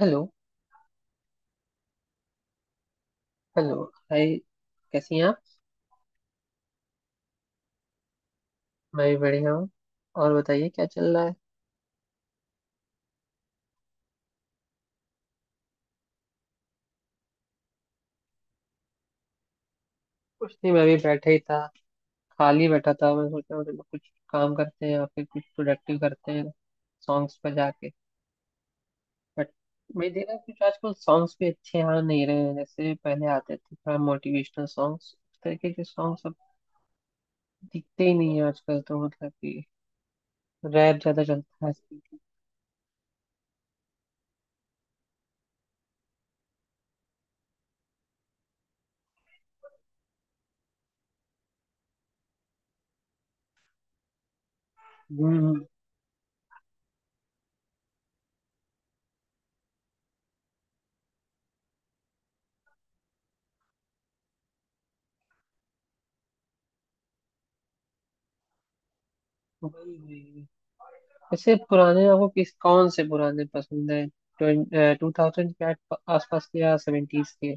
Hello. Hello. Hi. कैसी हैं आप? मैं भी बढ़िया हूँ। और बताइए क्या चल रहा है? कुछ नहीं, मैं भी बैठा ही था। खाली बैठा था, मैं सोचा मतलब कुछ काम करते हैं या फिर कुछ प्रोडक्टिव करते हैं, सॉन्ग्स पर जाके। बट मैं देखा कुछ आजकल सॉन्ग्स भी अच्छे आ नहीं रहे हैं जैसे पहले आते थे। थोड़ा मोटिवेशनल सॉन्ग्स, उस तरीके के सॉन्ग्स अब दिखते ही नहीं है आजकल, तो मतलब कि रैप ज्यादा चलता है आजकल। हम्म। वही वही, वैसे पुराने आपको किस कौन से पुराने पसंद है? टू थाउजेंड के आसपास के या सेवेंटीज के?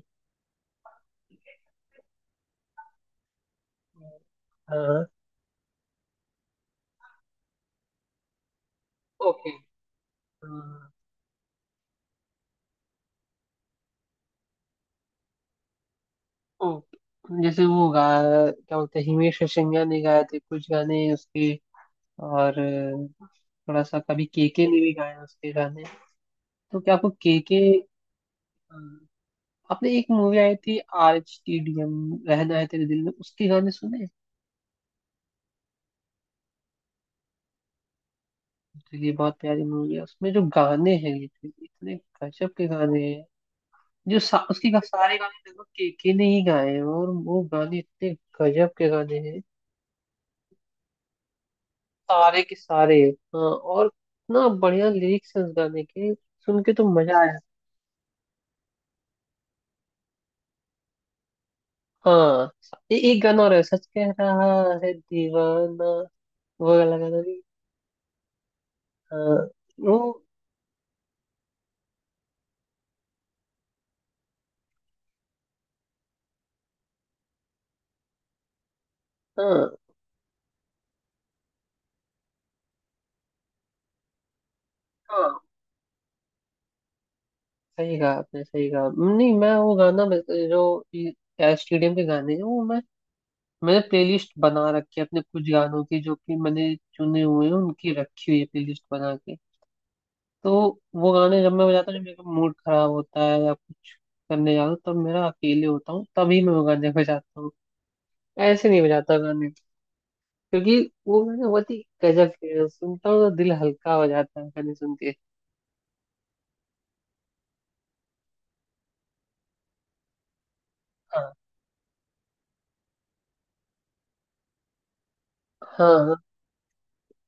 हाँ। ओके। हाँ, ओके। जैसे वो गा क्या बोलते हैं, हिमेश रेशमिया ने गाए थे कुछ गाने उसके। और थोड़ा सा कभी केके ने भी गाए उसके गाने। तो क्या आपको केके, आपने एक मूवी आई थी, RHTDM, रहना है तेरे दिल में, उसके गाने सुने? तो ये बहुत प्यारी मूवी है, उसमें जो गाने हैं ये इतने गजब के गाने। जो सा, उसके गा- सारे गाने लगभग केके ने ही गाए हैं, और वो गाने इतने गजब के गाने हैं। सारे के सारे। हाँ, और इतना बढ़िया लिरिक्स है उस गाने के, सुन के तो मजा आया। हाँ। एक गाना और है, सच कह रहा है दीवाना, वो वाला गाना भी। हाँ। वो हाँ हाँ। सही कहा आपने, सही कहा। नहीं मैं वो गाना बस- जो स्टेडियम के गाने हैं, वो मैं, मैंने प्लेलिस्ट बना रखी है अपने कुछ गानों की, जो कि मैंने चुने हुए हैं, उनकी रखी हुई है प्लेलिस्ट बना के। तो वो गाने जब मैं बजाता हूँ, जब मेरा मूड खराब होता है या कुछ करने जाता हूँ, तब मेरा अकेले होता हूँ, तभी मैं वो गाने बजाता हूँ। ऐसे नहीं बजाता गाने, क्योंकि वो गाने बहुत ही गजब के हैं। सुनता हूँ तो दिल हल्का हो जाता है गाने सुन के। हाँ। हाँ,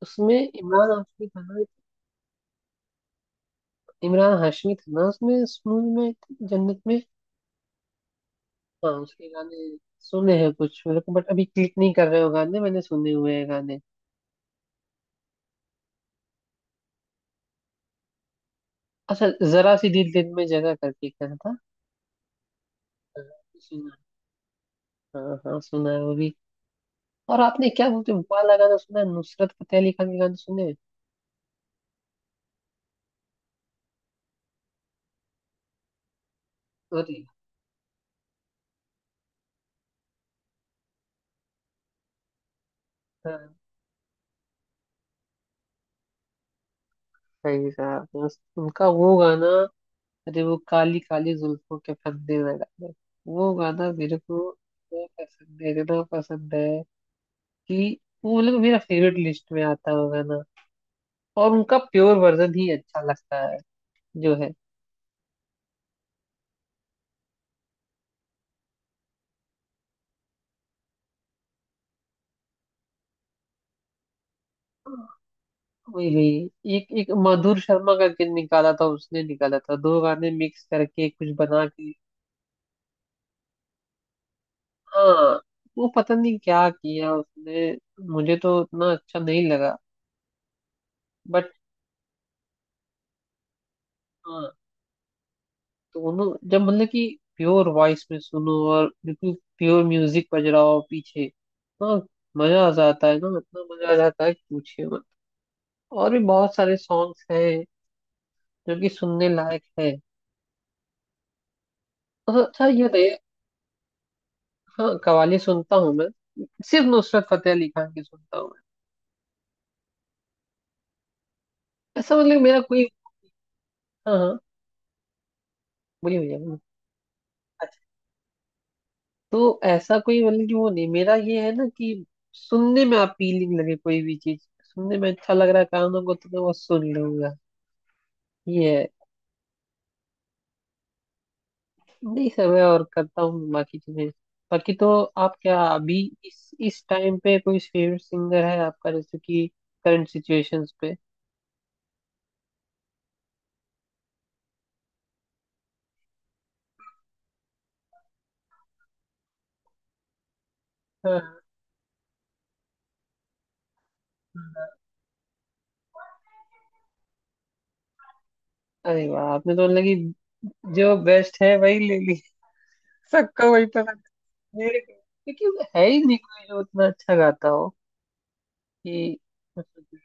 उसमें इमरान हाशमी था ना। इमरान हाशमी था ना उसमें, इस मूवी में, जन्नत में। हाँ, उसके गाने सुने हैं कुछ मेरे को, बट अभी क्लिक नहीं कर रहे हो गाने, मैंने सुने हुए हैं गाने। अच्छा, जरा सी दिल दिन में जगह करके एक गाना था, सुना है। हाँ हाँ, सुना है वो भी। और आपने क्या बोलते हो वाला गाना सुना है, नुसरत फतेह अली खान के गाने सुने हैं? अरे। हाँ, सही कहा आपने। उनका वो गाना, अरे वो काली काली जुल्फों के फंदे में गाना, वो गाना मेरे को इतना पसंद है, इतना पसंद है कि वो मतलब मेरा फेवरेट लिस्ट में आता है वो गाना। और उनका प्योर वर्जन ही अच्छा लगता है जो है। वही वही, एक एक मधुर शर्मा का किन निकाला था, उसने निकाला था दो गाने मिक्स करके कुछ बना के। हाँ। वो पता नहीं क्या किया उसने, मुझे तो उतना अच्छा नहीं लगा। बट हाँ, दोनों जब मतलब कि प्योर वॉइस में सुनो और बिल्कुल प्योर म्यूजिक बज रहा हो पीछे, हाँ, मजा आ जाता है ना, इतना मजा आ जाता है कि पूछिए मत। और भी बहुत सारे सॉन्ग्स हैं जो कि सुनने लायक है। अच्छा ये बताइए, हाँ कव्वाली सुनता हूँ मैं, सिर्फ नुसरत फतेह अली खान की सुनता हूँ मैं। ऐसा मतलब मेरा कोई, हाँ हाँ, बोलिए भैया बोलिए। अच्छा, तो ऐसा कोई मतलब कि वो नहीं, मेरा ये है ना कि सुनने में अपीलिंग लगे, कोई भी चीज सुनने में अच्छा लग रहा है कानों को तो मैं वो सुन लूंगा। ये है। नहीं, सब है और करता हूँ बाकी चीजें, बाकी तो। आप क्या अभी इस टाइम पे कोई फेवरेट सिंगर है आपका, जैसे कि करंट सिचुएशंस पे? हाँ। अरे वाह, आपने तो मतलब कि जो बेस्ट है वही ले, सबको वही पसंद है मेरे को, क्योंकि वो है ही नहीं कोई जो उतना अच्छा गाता हो कि मतलब।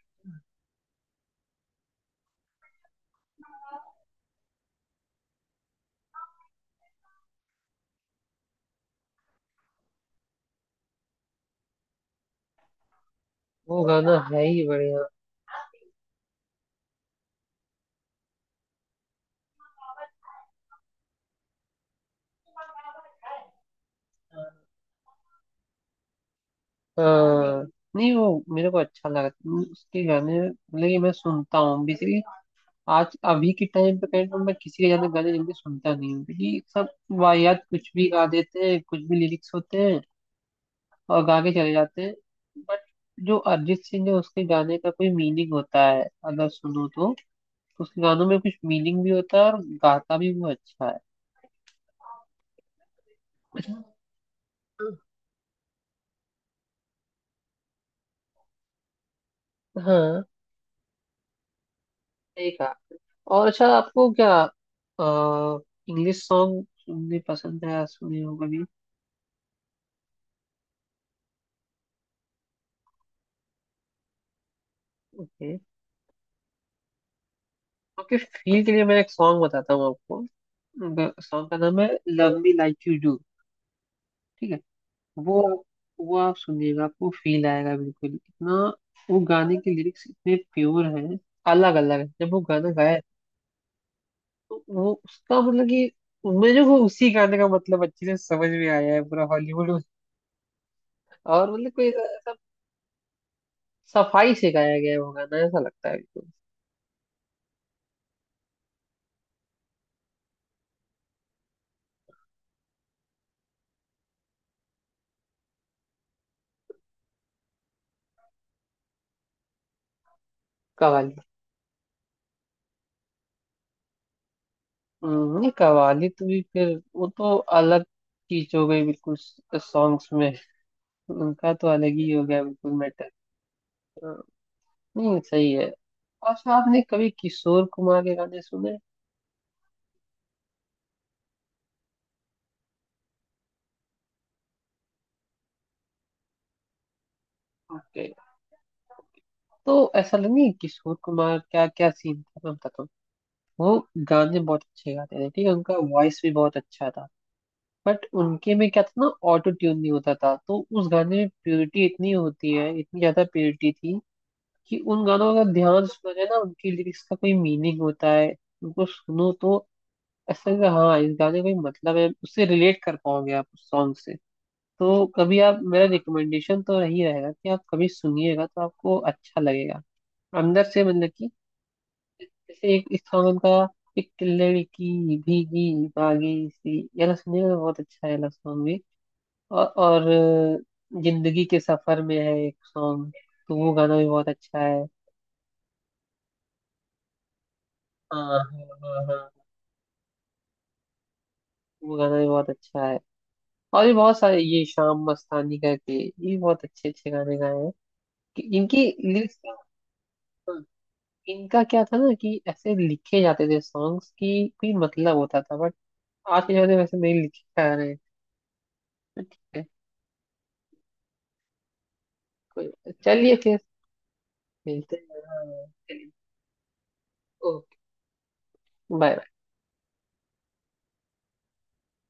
वो गाना है ही बढ़िया। हाँ, नहीं वो मेरे को अच्छा लगता है उसके गाने, मतलब कि मैं सुनता हूँ बेसिकली। आज अभी के टाइम पे कहीं तो मैं किसी के गाने गाने जल्दी सुनता नहीं हूँ, क्योंकि सब वाहियात कुछ भी गा देते हैं, कुछ भी लिरिक्स होते हैं और गा के चले जाते हैं। बट जो अरिजीत सिंह है, उसके गाने का कोई मीनिंग होता है अगर सुनो तो, उसके गानों में कुछ मीनिंग भी होता है और गाता भी वो अच्छा है। हाँ, सही कहा आपने। और अच्छा आपको क्या, आ, इंग्लिश सॉन्ग सुनने पसंद है, सुने हो कभी? ओके। आपके फील के लिए मैं एक सॉन्ग बताता हूँ आपको, सॉन्ग का नाम है love me like you do. ठीक है। वो वो आप सुनिएगा, आपको फील आएगा बिल्कुल इतना। वो गाने के लिरिक्स इतने प्योर हैं, अलग अलग है जब वो गाना गाया, तो वो उसका मतलब कि मुझे वो उसी गाने का मतलब अच्छे से समझ में आया है पूरा हॉलीवुड में। और मतलब कोई ऐसा, ऐसा सफाई से गाया गया है वो गाना ऐसा लगता है बिल्कुल। कवाली। नहीं कवाली तो भी फिर वो तो अलग चीज हो गई बिल्कुल, सॉन्ग्स में उनका तो अलग ही हो गया बिल्कुल मैटर। नहीं सही है। अच्छा, आपने कभी किशोर कुमार के गाने सुने? ओके। तो ऐसा लगे किशोर कुमार, क्या क्या सीन था मैं बताता हूँ। वो गाने बहुत अच्छे गाते थे, ठीक है, उनका वॉइस भी बहुत अच्छा था। बट उनके में क्या था ना, ऑटो ट्यून नहीं होता था, तो उस गाने में प्योरिटी इतनी होती है, इतनी ज्यादा प्योरिटी थी कि उन गानों का ध्यान सुना जाए ना, उनकी लिरिक्स का कोई मीनिंग होता है। उनको सुनो तो ऐसा लगेगा हाँ इस गाने का कोई मतलब है, उससे रिलेट कर पाओगे आप उस सॉन्ग से। तो कभी आप, मेरा रिकमेंडेशन तो यही रहेगा कि आप कभी सुनिएगा तो आपको अच्छा लगेगा अंदर से, मतलब कि जैसे एक इस सॉन्ग उनका, एक लड़की भीगी भागी सी, ये वाला सुनिएगा बहुत अच्छा है ये वाला सॉन्ग भी। और जिंदगी के सफर में है एक सॉन्ग, तो वो गाना भी बहुत अच्छा है। हाँ हाँ हाँ, वो गाना भी बहुत अच्छा है। और भी बहुत सारे, ये शाम मस्तानी करके, ये बहुत अच्छे अच्छे गाने गाए हैं कि इनकी लिरिक्स का, इनका क्या था ना कि ऐसे लिखे जाते थे सॉन्ग्स की कोई मतलब होता था। बट आज के जमाने में वैसे नहीं लिखे जा रहे हैं। ठीक है। चलिए फिर मिलते हैं, हाँ चलिए। Okay bye.